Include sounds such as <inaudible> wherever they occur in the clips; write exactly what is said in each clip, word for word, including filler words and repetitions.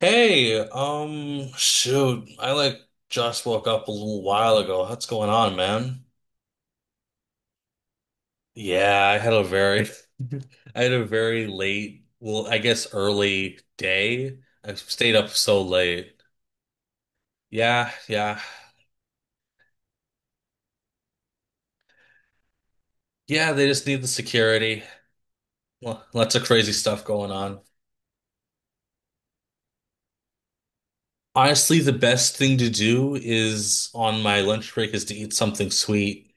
Hey, um, shoot, I like just woke up a little while ago. What's going on, man? Yeah, I had a very, <laughs> I had a very late, well, I guess early day. I stayed up so late. Yeah, yeah, yeah. They just need the security. Lo- Lots of crazy stuff going on. Honestly, the best thing to do is on my lunch break is to eat something sweet.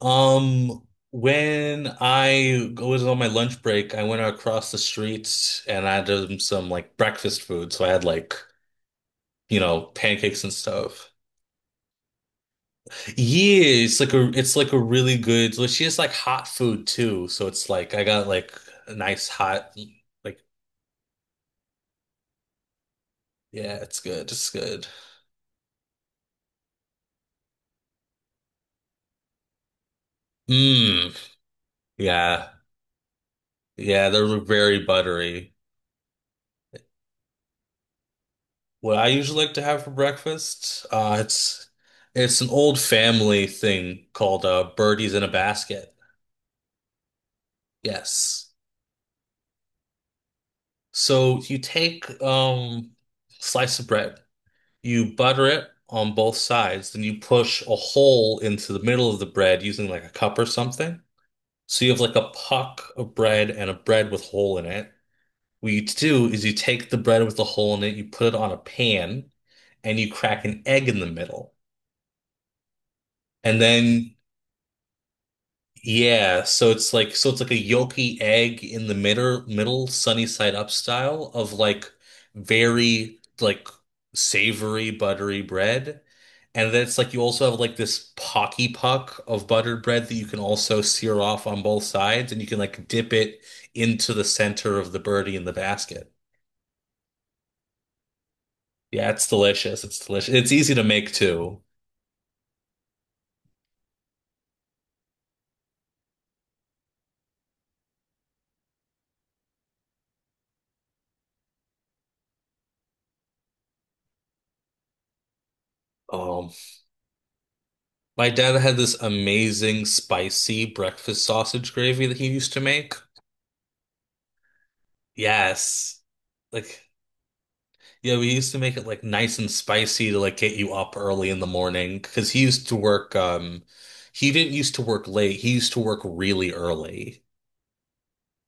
Um, when I was on my lunch break, I went across the street and I had um, some like breakfast food. So I had like, you know, pancakes and stuff. Yeah, it's like a it's like a really good, like she has like hot food too. So it's like I got like a nice hot like yeah, it's good. It's good. Mmm. Yeah. Yeah, they're very buttery. What I usually like to have for breakfast, uh, it's it's an old family thing called uh, birdies in a basket. Yes. So you take um slice of bread, you butter it on both sides, then you push a hole into the middle of the bread using like a cup or something. So you have like a puck of bread and a bread with hole in it. What you do is you take the bread with the hole in it, you put it on a pan, and you crack an egg in the middle. And then yeah, so it's like so it's like a yolky egg in the middle middle sunny side up style of like very like savory buttery bread. And then it's like you also have like this pocky puck of buttered bread that you can also sear off on both sides and you can like dip it into the center of the birdie in the basket. Yeah, it's delicious. It's delicious. It's easy to make too. Um, my dad had this amazing spicy breakfast sausage gravy that he used to make. Yes. Like, yeah, we used to make it like nice and spicy to like get you up early in the morning because he used to work, um, he didn't used to work late. He used to work really early.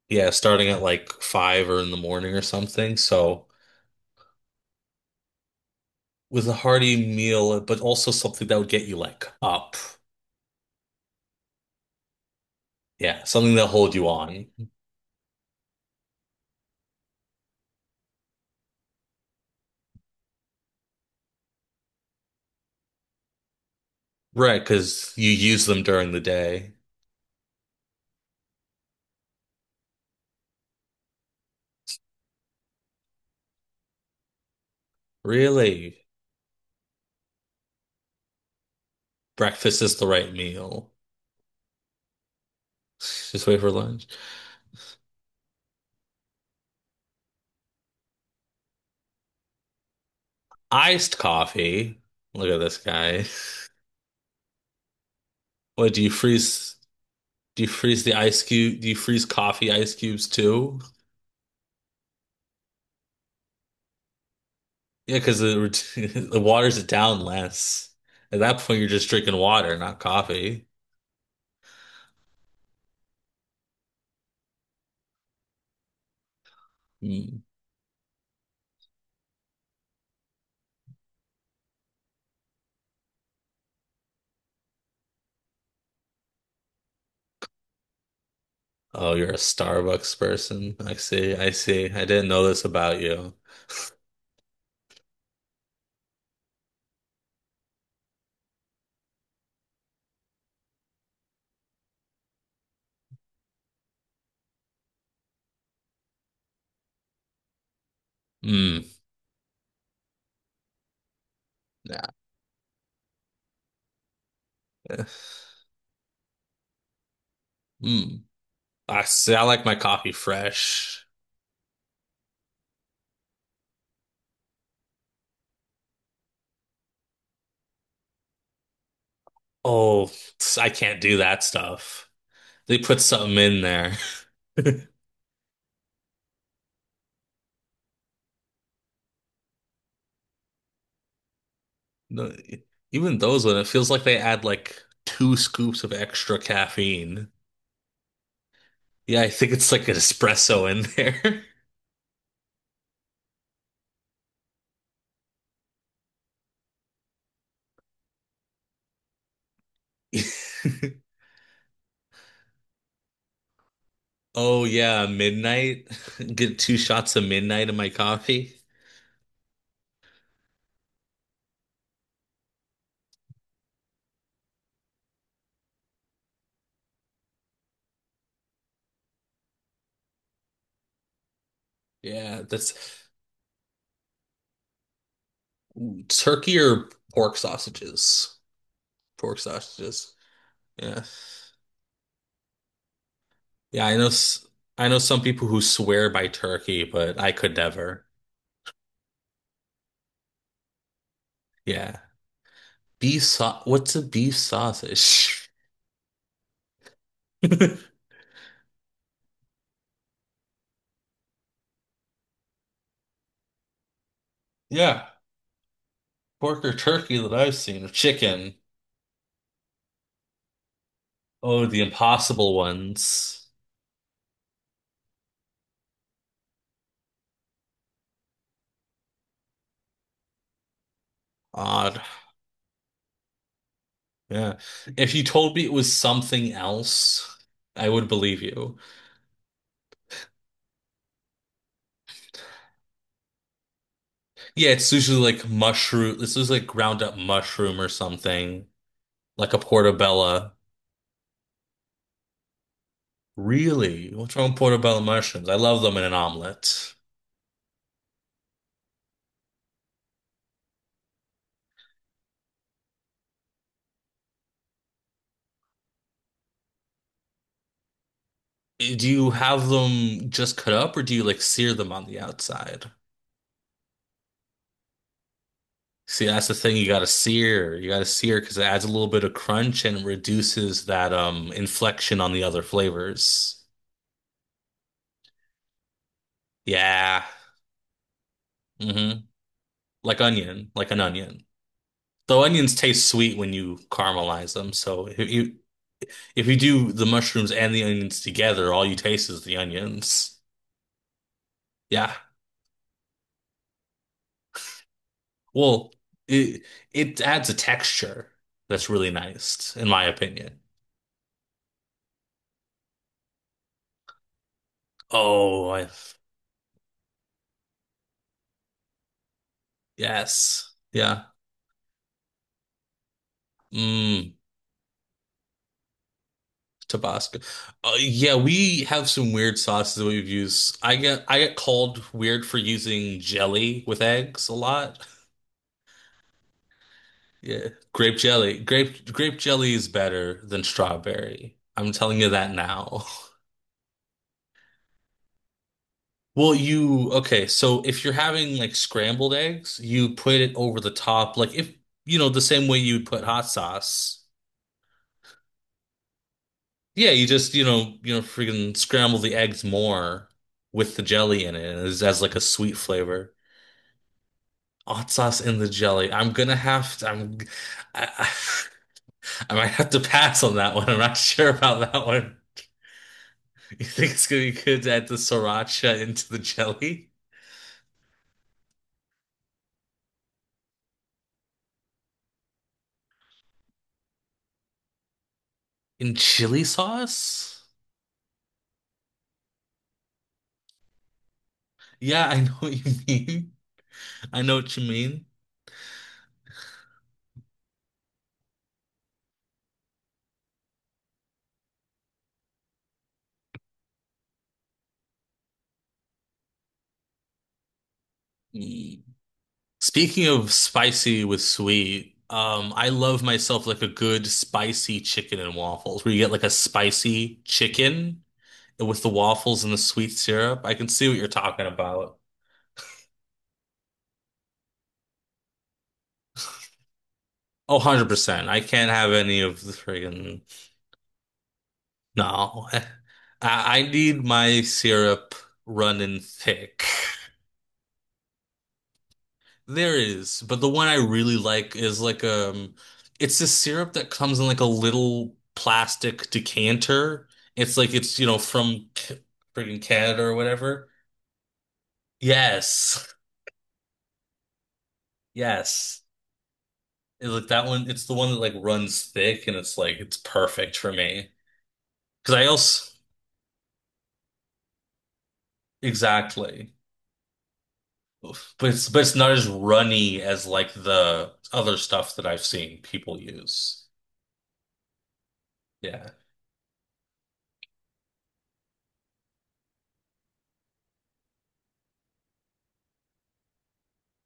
Yeah, starting at like five or in the morning or something. So it was a hearty meal, but also something that would get you like up. Yeah, something that'll hold you on. Right, because you use them during the day. Really, breakfast is the right meal. Just wait for lunch. Iced coffee. Look at this guy. <laughs> What do you freeze? Do you freeze the ice cube? Do you freeze coffee ice cubes too? Yeah, because the <laughs> the waters it down less. At that point, you're just drinking water, not coffee. Mm. Oh, you're a Starbucks person. I see. I see. I didn't know this about you. Mm. Yeah. <laughs> Mm. I see. I like my coffee fresh. Oh, I can't do that stuff. They put something in there. <laughs> No, e- even those one, it feels like they add like two scoops of extra caffeine. Yeah, I think it's like an espresso in there. <laughs> Oh yeah, midnight. <laughs> Get two shots of midnight in my coffee. Yeah, that's turkey or pork sausages. Pork sausages. Yeah. Yeah, I know s- I know some people who swear by turkey, but I could never. Yeah. Beef sau what's a beef sausage? <laughs> Yeah. Pork or turkey that I've seen, or chicken. Oh, the impossible ones. Odd. Yeah. If you told me it was something else, I would believe you. Yeah, it's usually like mushroom. This is like ground up mushroom or something, like a portobello. Really? What's wrong with portobello mushrooms? I love them in an omelet. Do you have them just cut up, or do you like sear them on the outside? See, that's the thing. You gotta sear. You gotta sear because it adds a little bit of crunch and reduces that um inflection on the other flavors. Yeah. Mm-hmm. Like onion, like an onion. Though onions taste sweet when you caramelize them. So if you if you do the mushrooms and the onions together, all you taste is the onions. Yeah. Well, it it adds a texture that's really nice, in my opinion. Oh, I yes. Yeah. Mm. Tabasco. Uh, yeah, we have some weird sauces that we've used. I get I get called weird for using jelly with eggs a lot. <laughs> Yeah, grape jelly. Grape grape jelly is better than strawberry. I'm telling you that now. <laughs> Well, you okay, so if you're having like scrambled eggs, you put it over the top like if you know the same way you'd put hot sauce. Yeah, you just, you know, you know freaking scramble the eggs more with the jelly in it as it like a sweet flavor. Hot sauce in the jelly. I'm gonna have to, I'm, I, I I might have to pass on that one. I'm not sure about that one. <laughs> You think it's gonna be good to add the sriracha into the jelly? In chili sauce? Yeah, I know <laughs> what you mean. I know what you mean. Mm. Speaking of spicy with sweet, um, I love myself like a good spicy chicken and waffles, where you get like a spicy chicken with the waffles and the sweet syrup. I can see what you're talking about. Oh, one hundred percent. I can't have any of the friggin' no. <laughs> I, I need my syrup running thick. There is, but the one I really like is like um it's this syrup that comes in like a little plastic decanter. It's like it's, you know, from C- friggin' Canada or whatever. Yes. Yes. It's like that one, it's the one that like runs thick and it's like it's perfect for me because I also exactly. But it's but it's not as runny as like the other stuff that I've seen people use. Yeah.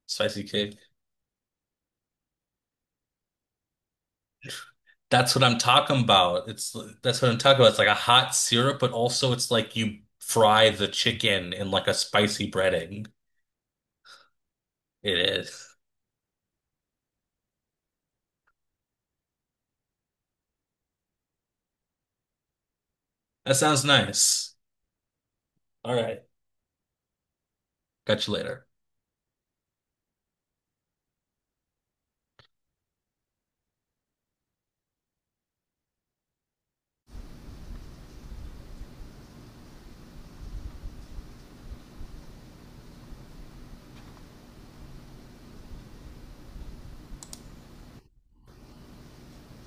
Spicy cake. That's what I'm talking about. It's that's what I'm talking about. It's like a hot syrup, but also it's like you fry the chicken in like a spicy breading. It is. That sounds nice. All right. Catch you later.